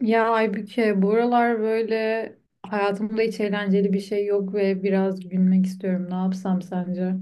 Ya Aybüke, bu aralar böyle hayatımda hiç eğlenceli bir şey yok ve biraz gülmek istiyorum. Ne yapsam sence?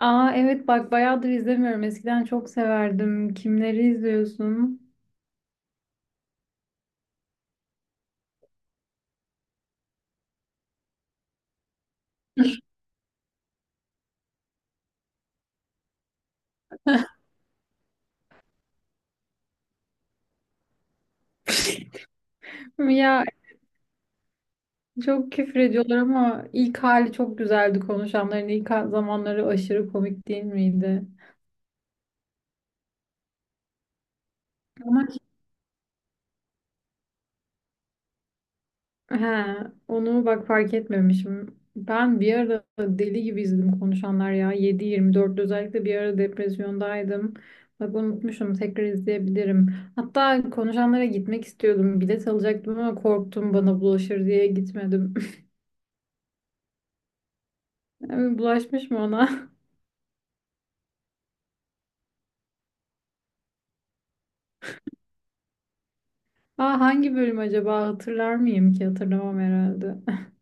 Aa, evet bak bayağıdır izlemiyorum. Eskiden çok severdim. Kimleri izliyorsun? Ya, çok küfür ediyorlar ama ilk hali çok güzeldi konuşanların. İlk zamanları aşırı komik değil miydi? Ama, he, onu bak fark etmemişim. Ben bir ara deli gibi izledim konuşanlar ya. 7/24 özellikle bir ara depresyondaydım. Bak unutmuşum, tekrar izleyebilirim. Hatta konuşanlara gitmek istiyordum. Bilet alacaktım ama korktum bana bulaşır diye gitmedim. Yani bulaşmış mı ona? Aa, hangi bölüm acaba, hatırlar mıyım ki? Hatırlamam herhalde.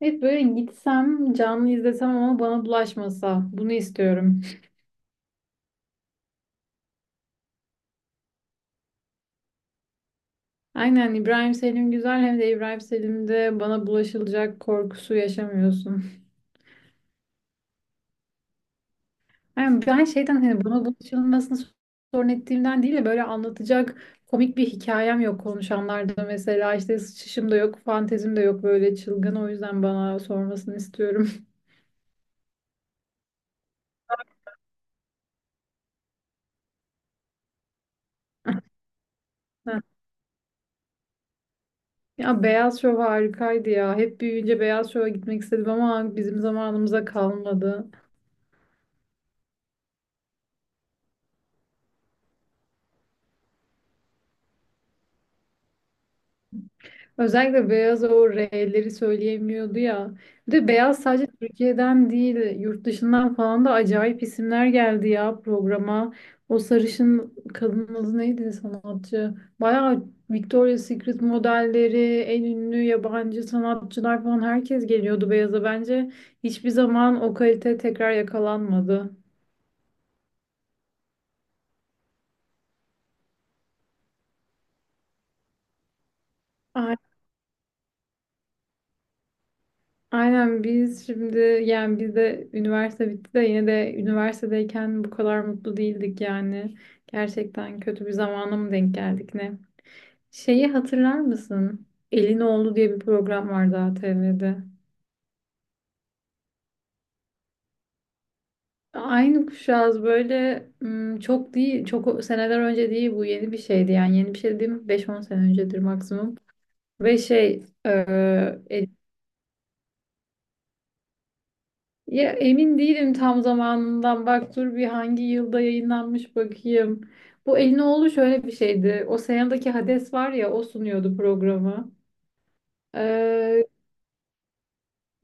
Evet, böyle gitsem canlı izlesem ama bana bulaşmasa, bunu istiyorum. Aynen, İbrahim Selim güzel hem de İbrahim Selim'de bana bulaşılacak korkusu yaşamıyorsun. Yani ben şeyden, hani bana bulaşılmasını sorun ettiğimden değil de böyle anlatacak komik bir hikayem yok konuşanlarda, mesela işte sıçışım da yok, fantezim de yok böyle çılgın, o yüzden bana sormasını istiyorum. Heh. Ya, Beyaz Şov harikaydı ya. Hep büyüyünce Beyaz Şov'a gitmek istedim ama bizim zamanımıza kalmadı. Özellikle Beyaz o R'leri söyleyemiyordu ya. Bir de Beyaz sadece Türkiye'den değil, yurt dışından falan da acayip isimler geldi ya programa. O sarışın kadının adı neydi sanatçı? Bayağı Victoria's Secret modelleri, en ünlü yabancı sanatçılar falan herkes geliyordu Beyaza. Bence hiçbir zaman o kalite tekrar yakalanmadı. Aynen, biz şimdi, yani biz de üniversite bitti de yine de üniversitedeyken bu kadar mutlu değildik yani. Gerçekten kötü bir zamana mı denk geldik ne? Şeyi hatırlar mısın? Elin Oğlu diye bir program vardı ATV'de. Aynı kuşağız böyle çok değil, çok seneler önce değil, bu yeni bir şeydi yani yeni bir şey dediğim beş on sene öncedir maksimum. Ve şey e, Ya, emin değilim tam zamanından. Bak dur bir, hangi yılda yayınlanmış bakayım. Bu Elinoğlu şöyle bir şeydi. O Ocean'daki Hades var ya o sunuyordu programı. Ee,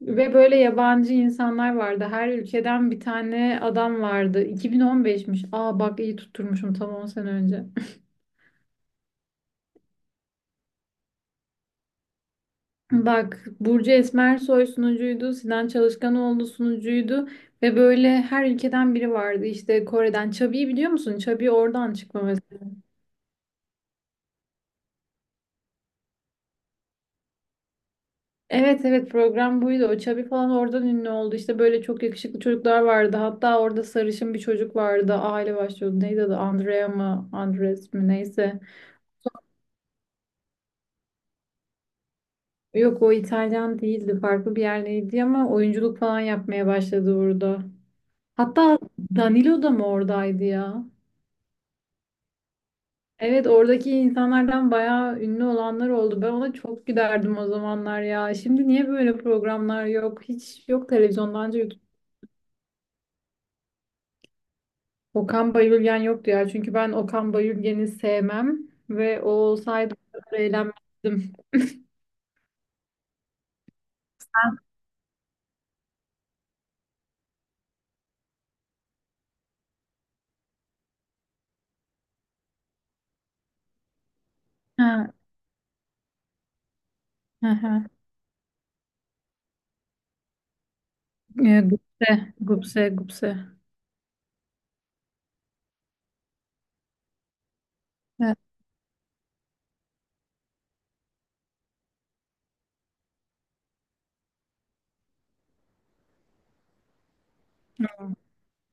ve böyle yabancı insanlar vardı. Her ülkeden bir tane adam vardı. 2015'miş. Aa bak iyi tutturmuşum, tam 10 sene önce. Bak, Burcu Esmersoy sunucuydu. Sinan Çalışkanoğlu sunucuydu. Ve böyle her ülkeden biri vardı. İşte Kore'den. Chubby'yi biliyor musun? Chubby oradan çıkma. Evet, evet, program buydu. O Chubby falan oradan ünlü oldu. İşte böyle çok yakışıklı çocuklar vardı. Hatta orada sarışın bir çocuk vardı. Aile başlıyordu. Neydi adı? Andrea mı? Andres mi? Neyse. Yok, o İtalyan değildi. Farklı bir yerliydi ama oyunculuk falan yapmaya başladı orada. Hatta Danilo da mı oradaydı ya? Evet, oradaki insanlardan bayağı ünlü olanlar oldu. Ben ona çok giderdim o zamanlar ya. Şimdi niye böyle programlar yok? Hiç yok televizyondan. Okan Bayülgen yoktu ya. Çünkü ben Okan Bayülgen'i sevmem ve o olsaydı o kadar eğlenmezdim. Ha, hı hı. Gupse, Gupse, Gupse. Evet.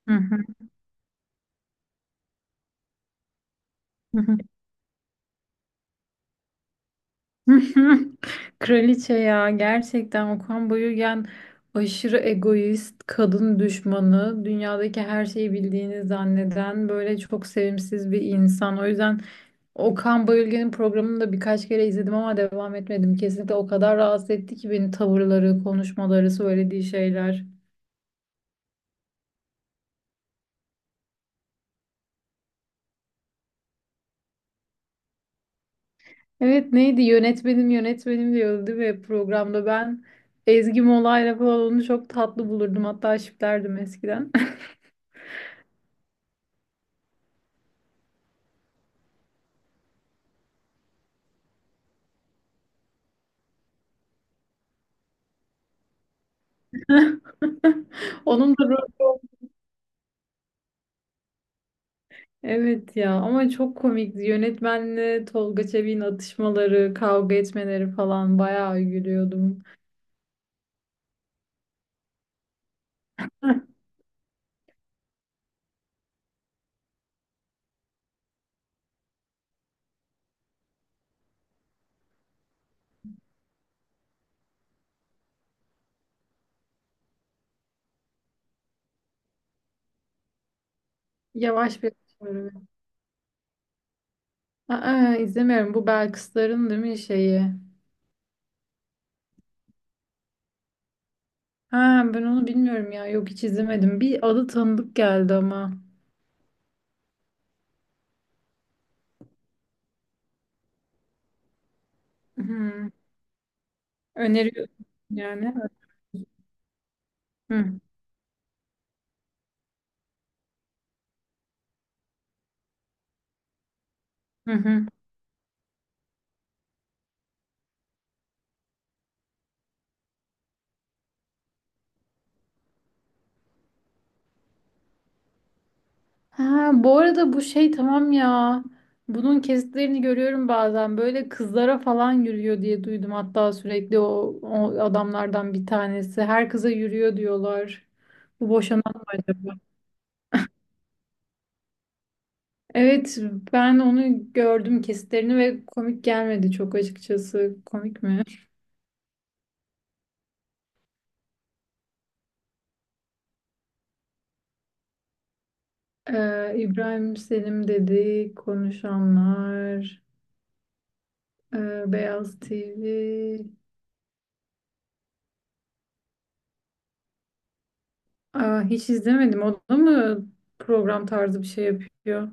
Hı hı, hı hı. Kraliçe ya, gerçekten Okan Bayülgen aşırı egoist, kadın düşmanı, dünyadaki her şeyi bildiğini zanneden böyle çok sevimsiz bir insan. O yüzden Okan Bayülgen'in programını da birkaç kere izledim ama devam etmedim. Kesinlikle o kadar rahatsız etti ki beni tavırları, konuşmaları, söylediği şeyler. Evet, neydi, yönetmenim yönetmenim diyordu değil mi programda? Ben Ezgi Mola'yla falan onu çok tatlı bulurdum, hatta şiplerdim eskiden. Onun da rolü. Evet ya, ama çok komikti yönetmenle Tolga Çevik'in atışmaları, kavga etmeleri falan, bayağı gülüyordum. Yavaş bir. Aa, izlemiyorum. Bu Belkısların değil mi şeyi? Ha, ben onu bilmiyorum ya. Yok, hiç izlemedim. Bir adı tanıdık geldi ama. Hı. Öneriyorum yani. Hı, hı, hı. Ha, bu arada bu şey tamam ya. Bunun kesitlerini görüyorum bazen. Böyle kızlara falan yürüyor diye duydum. Hatta sürekli o adamlardan bir tanesi. Her kıza yürüyor diyorlar. Bu boşanan mı acaba? Evet, ben onu gördüm kesitlerini ve komik gelmedi çok açıkçası. Komik mi? İbrahim Selim dedi, Konuşanlar, Beyaz TV. Aa, hiç izlemedim. O da mı program tarzı bir şey yapıyor?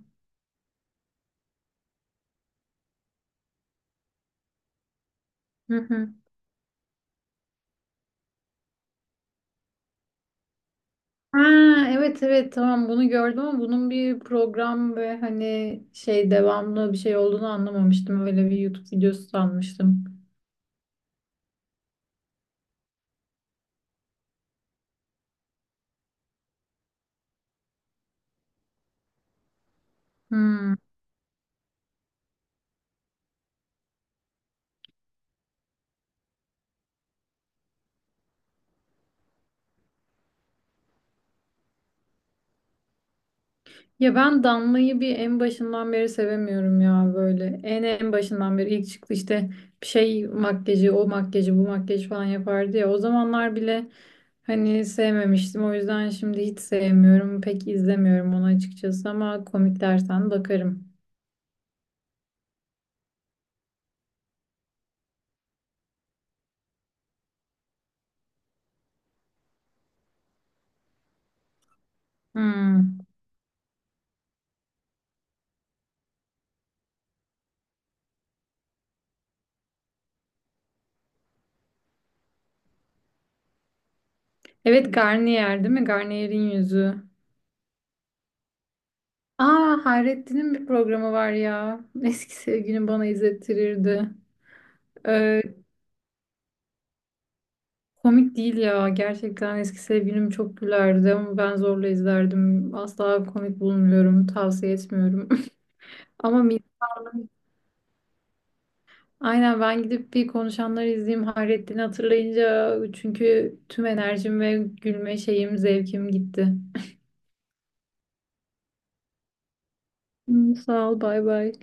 Hı hı. Ha, evet, evet, tamam, bunu gördüm ama bunun bir program ve hani şey devamlı bir şey olduğunu anlamamıştım. Öyle bir YouTube videosu sanmıştım. Hmm. Ya ben Damla'yı bir en başından beri sevemiyorum ya böyle. En başından beri ilk çıktı işte bir şey makyajı, o makyajı, bu makyajı falan yapardı ya. O zamanlar bile hani sevmemiştim. O yüzden şimdi hiç sevmiyorum. Pek izlemiyorum onu açıkçası ama komik dersen bakarım. Hmm. Evet, Garnier değil mi? Garnier'in yüzü. Aa, Hayrettin'in bir programı var ya. Eski sevgilim bana izlettirirdi. Ee, Komik değil ya. Gerçekten eski sevgilim çok gülerdi ama ben zorla izlerdim. Asla komik bulmuyorum. Tavsiye etmiyorum. Ama Misan'ın. Aynen, ben gidip bir konuşanları izleyeyim. Hayrettin'i hatırlayınca çünkü tüm enerjim ve gülme şeyim, zevkim gitti. Hı, sağ ol, bay bay.